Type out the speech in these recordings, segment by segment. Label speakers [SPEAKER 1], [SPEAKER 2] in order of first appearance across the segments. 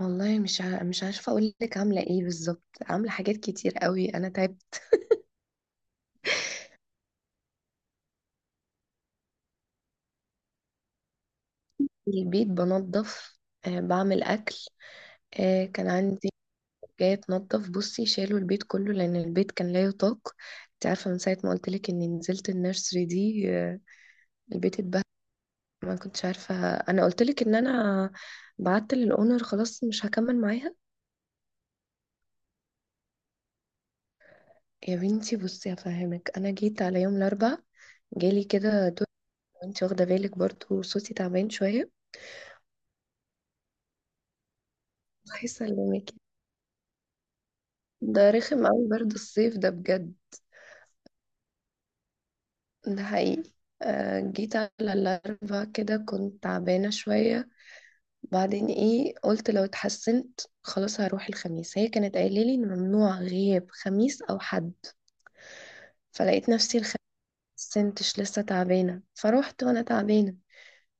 [SPEAKER 1] والله مش عارفه اقول لك عامله ايه بالظبط. عامله حاجات كتير قوي، انا تعبت. في البيت بنظف، آه بعمل اكل. آه، كان عندي جايه تنظف. بصي شالوا البيت كله لان البيت كان لا يطاق. انت عارفه من ساعه ما قلت لك اني نزلت النيرسري دي، آه البيت اتبهدل. ما كنتش عارفه، انا قلت لك ان انا بعت للاونر خلاص مش هكمل معاها. يا بنتي بصي هفهمك، انا جيت على يوم الاربعاء جالي كده دور، وانت واخده بالك برضو صوتي تعبان شويه. الله يسلمك. ده رخم قوي برد الصيف ده بجد. ده حقيقي. آه، جيت على الأربعاء كده كنت تعبانة شوية. بعدين ايه قلت لو اتحسنت خلاص هروح الخميس، هي كانت قايلة لي ان ممنوع غياب خميس او حد. فلقيت نفسي الخميس سنتش لسه تعبانة، فروحت وانا تعبانة.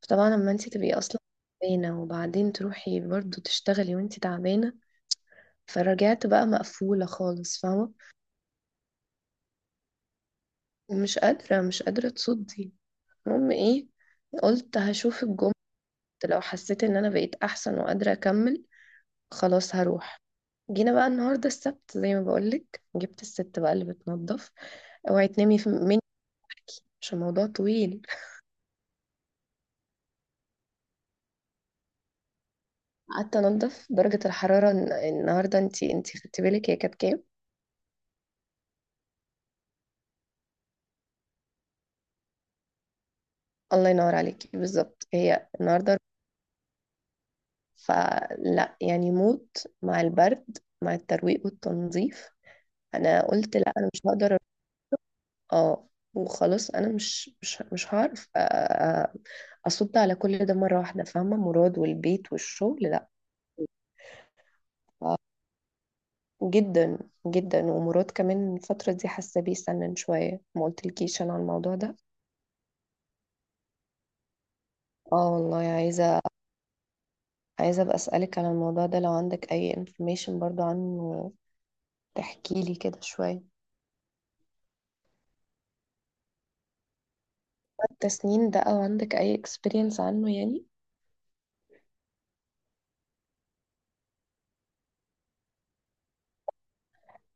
[SPEAKER 1] فطبعا لما انت تبقي اصلا تعبانة وبعدين تروحي برضو تشتغلي وانت تعبانة، فرجعت بقى مقفولة خالص فاهمة. ومش قادرة مش قادرة تصدي. المهم ايه، قلت هشوف الجمعة، لو حسيت ان انا بقيت احسن وقادرة اكمل خلاص هروح. جينا بقى النهاردة السبت زي ما بقولك جبت الست بقى اللي بتنظف. اوعي تنامي مني عشان الموضوع طويل. قعدت انضف. درجة الحرارة النهاردة، انتي خدتي بالك هي كانت كام؟ الله ينور عليكي بالظبط هي النهاردة. فلا يعني موت مع البرد مع الترويق والتنظيف. انا قلت لا انا مش هقدر. اه، وخلاص انا مش هعرف أ- اصد على كل ده مره واحده، فاهمه مراد والبيت والشغل لا. جدا، جدا. ومراد كمان الفتره دي حاسه بيه سنن شويه، ما قلتلكيش انا على الموضوع ده. اه والله، عايزه ابقى اسالك على الموضوع ده لو عندك اي انفورميشن برضو عنه، تحكي لي كده شويه. التسنين ده او عندك اي اكسبيرينس عنه يعني.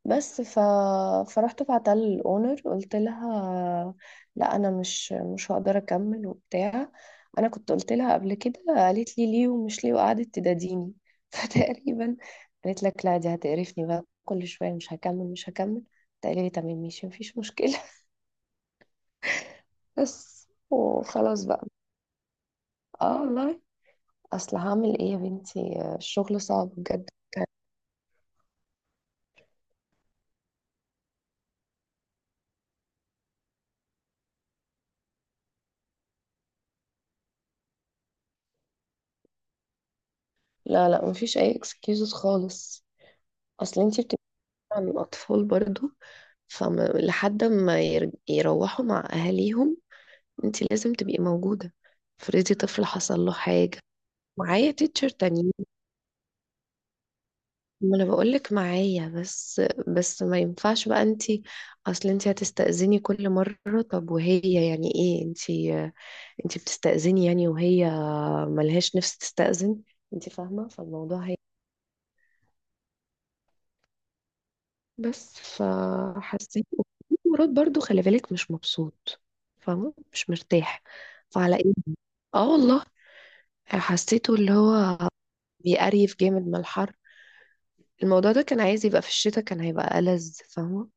[SPEAKER 1] بس فرحت بعتها للاونر قلت لها لا انا مش هقدر اكمل وبتاع. انا كنت قلت لها قبل كده، قالت لي ليه ومش ليه وقعدت تداديني فتقريبا قالت لك لا دي هتقرفني بقى كل شويه مش هكمل مش هكمل. قلت لي تمام ماشي مفيش مشكله بس وخلاص بقى. اه والله. اصل هعمل ايه يا بنتي الشغل صعب بجد. لا لا، مفيش اي اكسكيوزز خالص. اصل انتي بت عن الأطفال برضو، فلحد ما يروحوا مع أهاليهم انت لازم تبقي موجودة. افرضي طفل حصل له حاجة. معايا تيتشر تانيين. ما انا بقولك معايا بس. بس ما ينفعش بقى انت، اصل انت هتستأذني كل مرة. طب وهي يعني ايه؟ انت بتستأذني يعني وهي ملهاش نفس تستأذن، انت فاهمة فالموضوع هي. بس فحسيت مرات برضو خلي بالك مش مبسوط، فاهمه مش مرتاح. فعلى ايه، اه والله حسيته اللي هو بيقريف جامد من الحر. الموضوع ده كان عايز يبقى في الشتاء كان هيبقى ألذ فاهمه.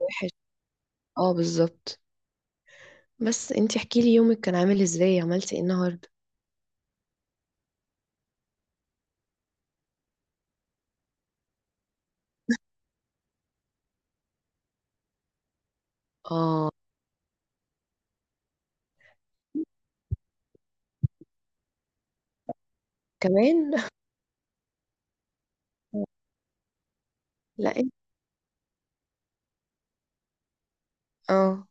[SPEAKER 1] وحش. اه بالظبط. بس انتي احكي لي يومك كان عامل ازاي، عملتي ايه النهارده؟ اه، كمان لا انت، اه.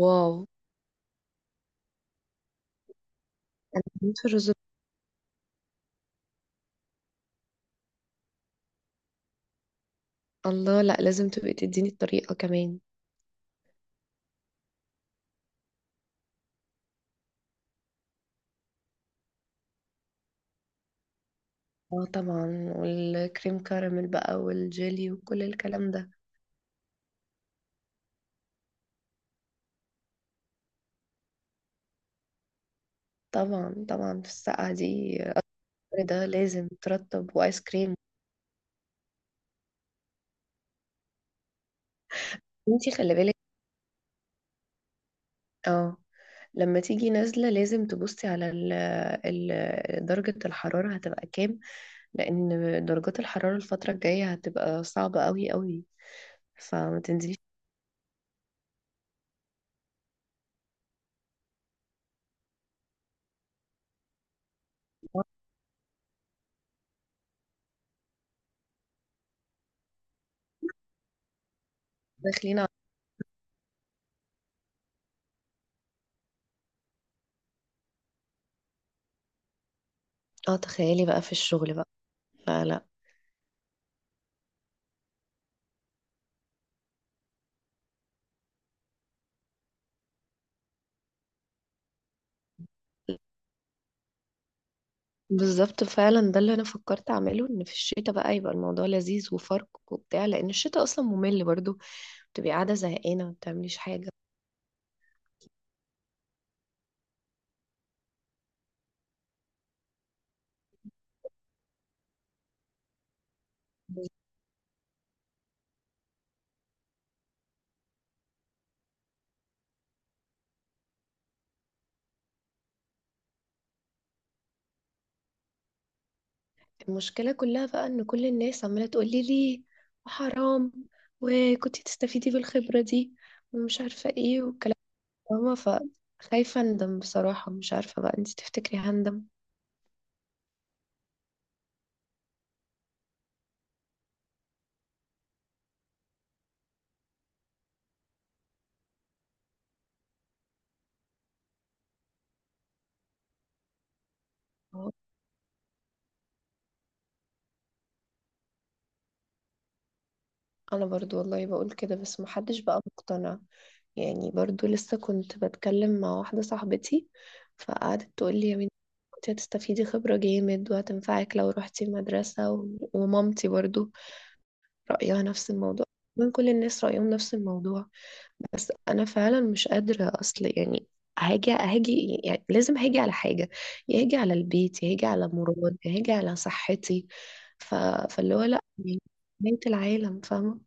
[SPEAKER 1] واو. بموت في الرز. الله، لا، لازم تبقي تديني الطريقه كمان. اه طبعا والكريم كراميل بقى والجيلي وكل الكلام ده. طبعا طبعا في السقعة دي الأمر ده لازم ترطب وآيس كريم. انتي خلي بالك، اه، لما تيجي نازلة لازم تبصي على ال درجة الحرارة هتبقى كام. لأن درجات الحرارة الفترة الجاية هتبقى صعبة قوي قوي، فما تنزليش. داخلين اه تخيلي بقى في الشغل بقى. لا لا. بالظبط فعلا ده اللي انا فكرت اعمله ان في الشتاء بقى يبقى الموضوع لذيذ وفرق وبتاع، لان الشتاء اصلا ممل برضو، بتبقي قاعده زهقانه ما بتعمليش حاجه. المشكلة كلها بقى إن كل الناس عمالة تقولي ليه، وحرام، وكنتي تستفيدي بالخبرة دي، ومش عارفة ايه والكلام ده فاهمة؟ فخايفة أندم بصراحة، مش عارفة بقى انتي تفتكري هندم؟ أنا برضو والله بقول كده بس محدش بقى مقتنع. يعني برضو لسه كنت بتكلم مع واحدة صاحبتي، فقعدت تقولي يا بنتي. انت هتستفيدي خبرة جامد وهتنفعك لو روحتي المدرسة ومامتي برضو. رأيها نفس الموضوع. من كل الناس رأيهم نفس الموضوع. بس انا فعلا مش قادره. اصل يعني هاجي هاجي يعني لازم هاجي على حاجه، يا هاجي على البيت يا هاجي على مراد يا هاجي على صحتي. ف... فاللي هو لا يعني بنت العالم فاهمه.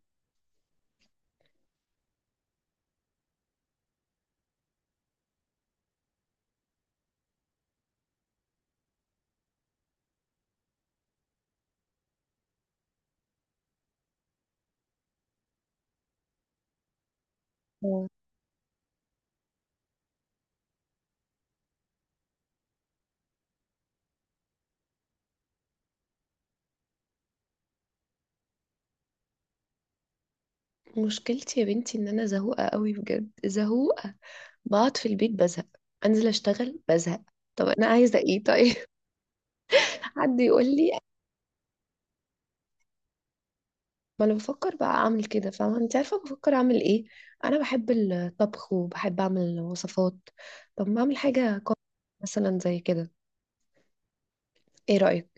[SPEAKER 1] مم. مشكلتي يا بنتي ان انا زهوقه قوي بجد زهوقه. بقعد في البيت بزهق، انزل اشتغل بزهق. طب انا عايزه ايه طيب؟ حد يقول لي. ما انا بفكر بقى اعمل كده فاهمه، انت عارفه بفكر اعمل ايه؟ انا بحب الطبخ وبحب اعمل وصفات. طب ما اعمل حاجه مثلا زي كده. ايه رايك؟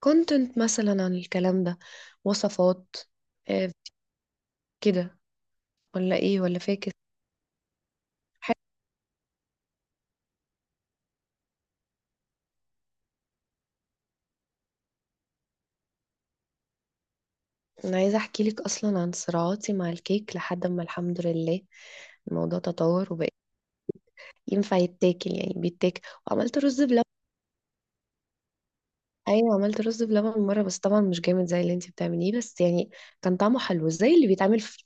[SPEAKER 1] كونتنت مثلا عن الكلام ده، وصفات. آه، كده، ولا ايه ولا فاكس؟ حاجة- انا عايزه احكي لك اصلا عن صراعاتي مع الكيك لحد ما الحمد لله الموضوع تطور وبقى ينفع يتاكل، يعني بيتاكل. وعملت رز بلبن. ايوه عملت رز بلبن مره، بس طبعا مش جامد زي اللي انت بتعمليه، بس يعني كان طعمه حلو زي اللي بيتعمل في.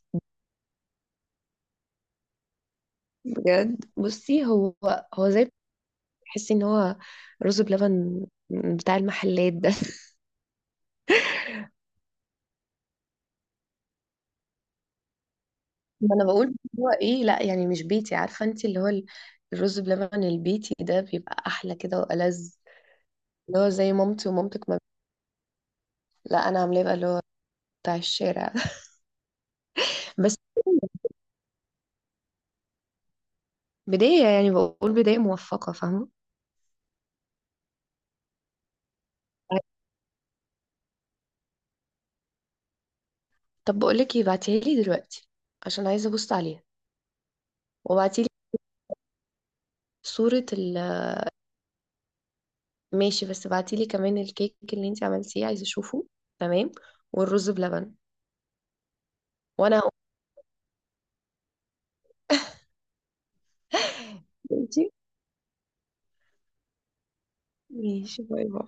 [SPEAKER 1] بجد بصي هو زي، تحسي ان هو رز بلبن بتاع المحلات ده ما انا بقول هو ايه، لا يعني مش بيتي عارفه انت اللي هو الرز بلبن البيتي ده بيبقى احلى كده والذ، اللي هو زي مامتي ومامتك ما. لا انا عاملاه بقى اللي هو بتاع الشارع بس. بداية يعني بقول بداية موفقة فاهمة. طب بقول لك ايه، بعتيها لي دلوقتي عشان عايزه ابص عليها. وبعتي لي صوره ال. ماشي بس بعتيلي كمان الكيك اللي انت عملتيه عايزه اشوفه. تمام. والرز بلبن. وانا هقوم دلوقتي. ماشي باي باي.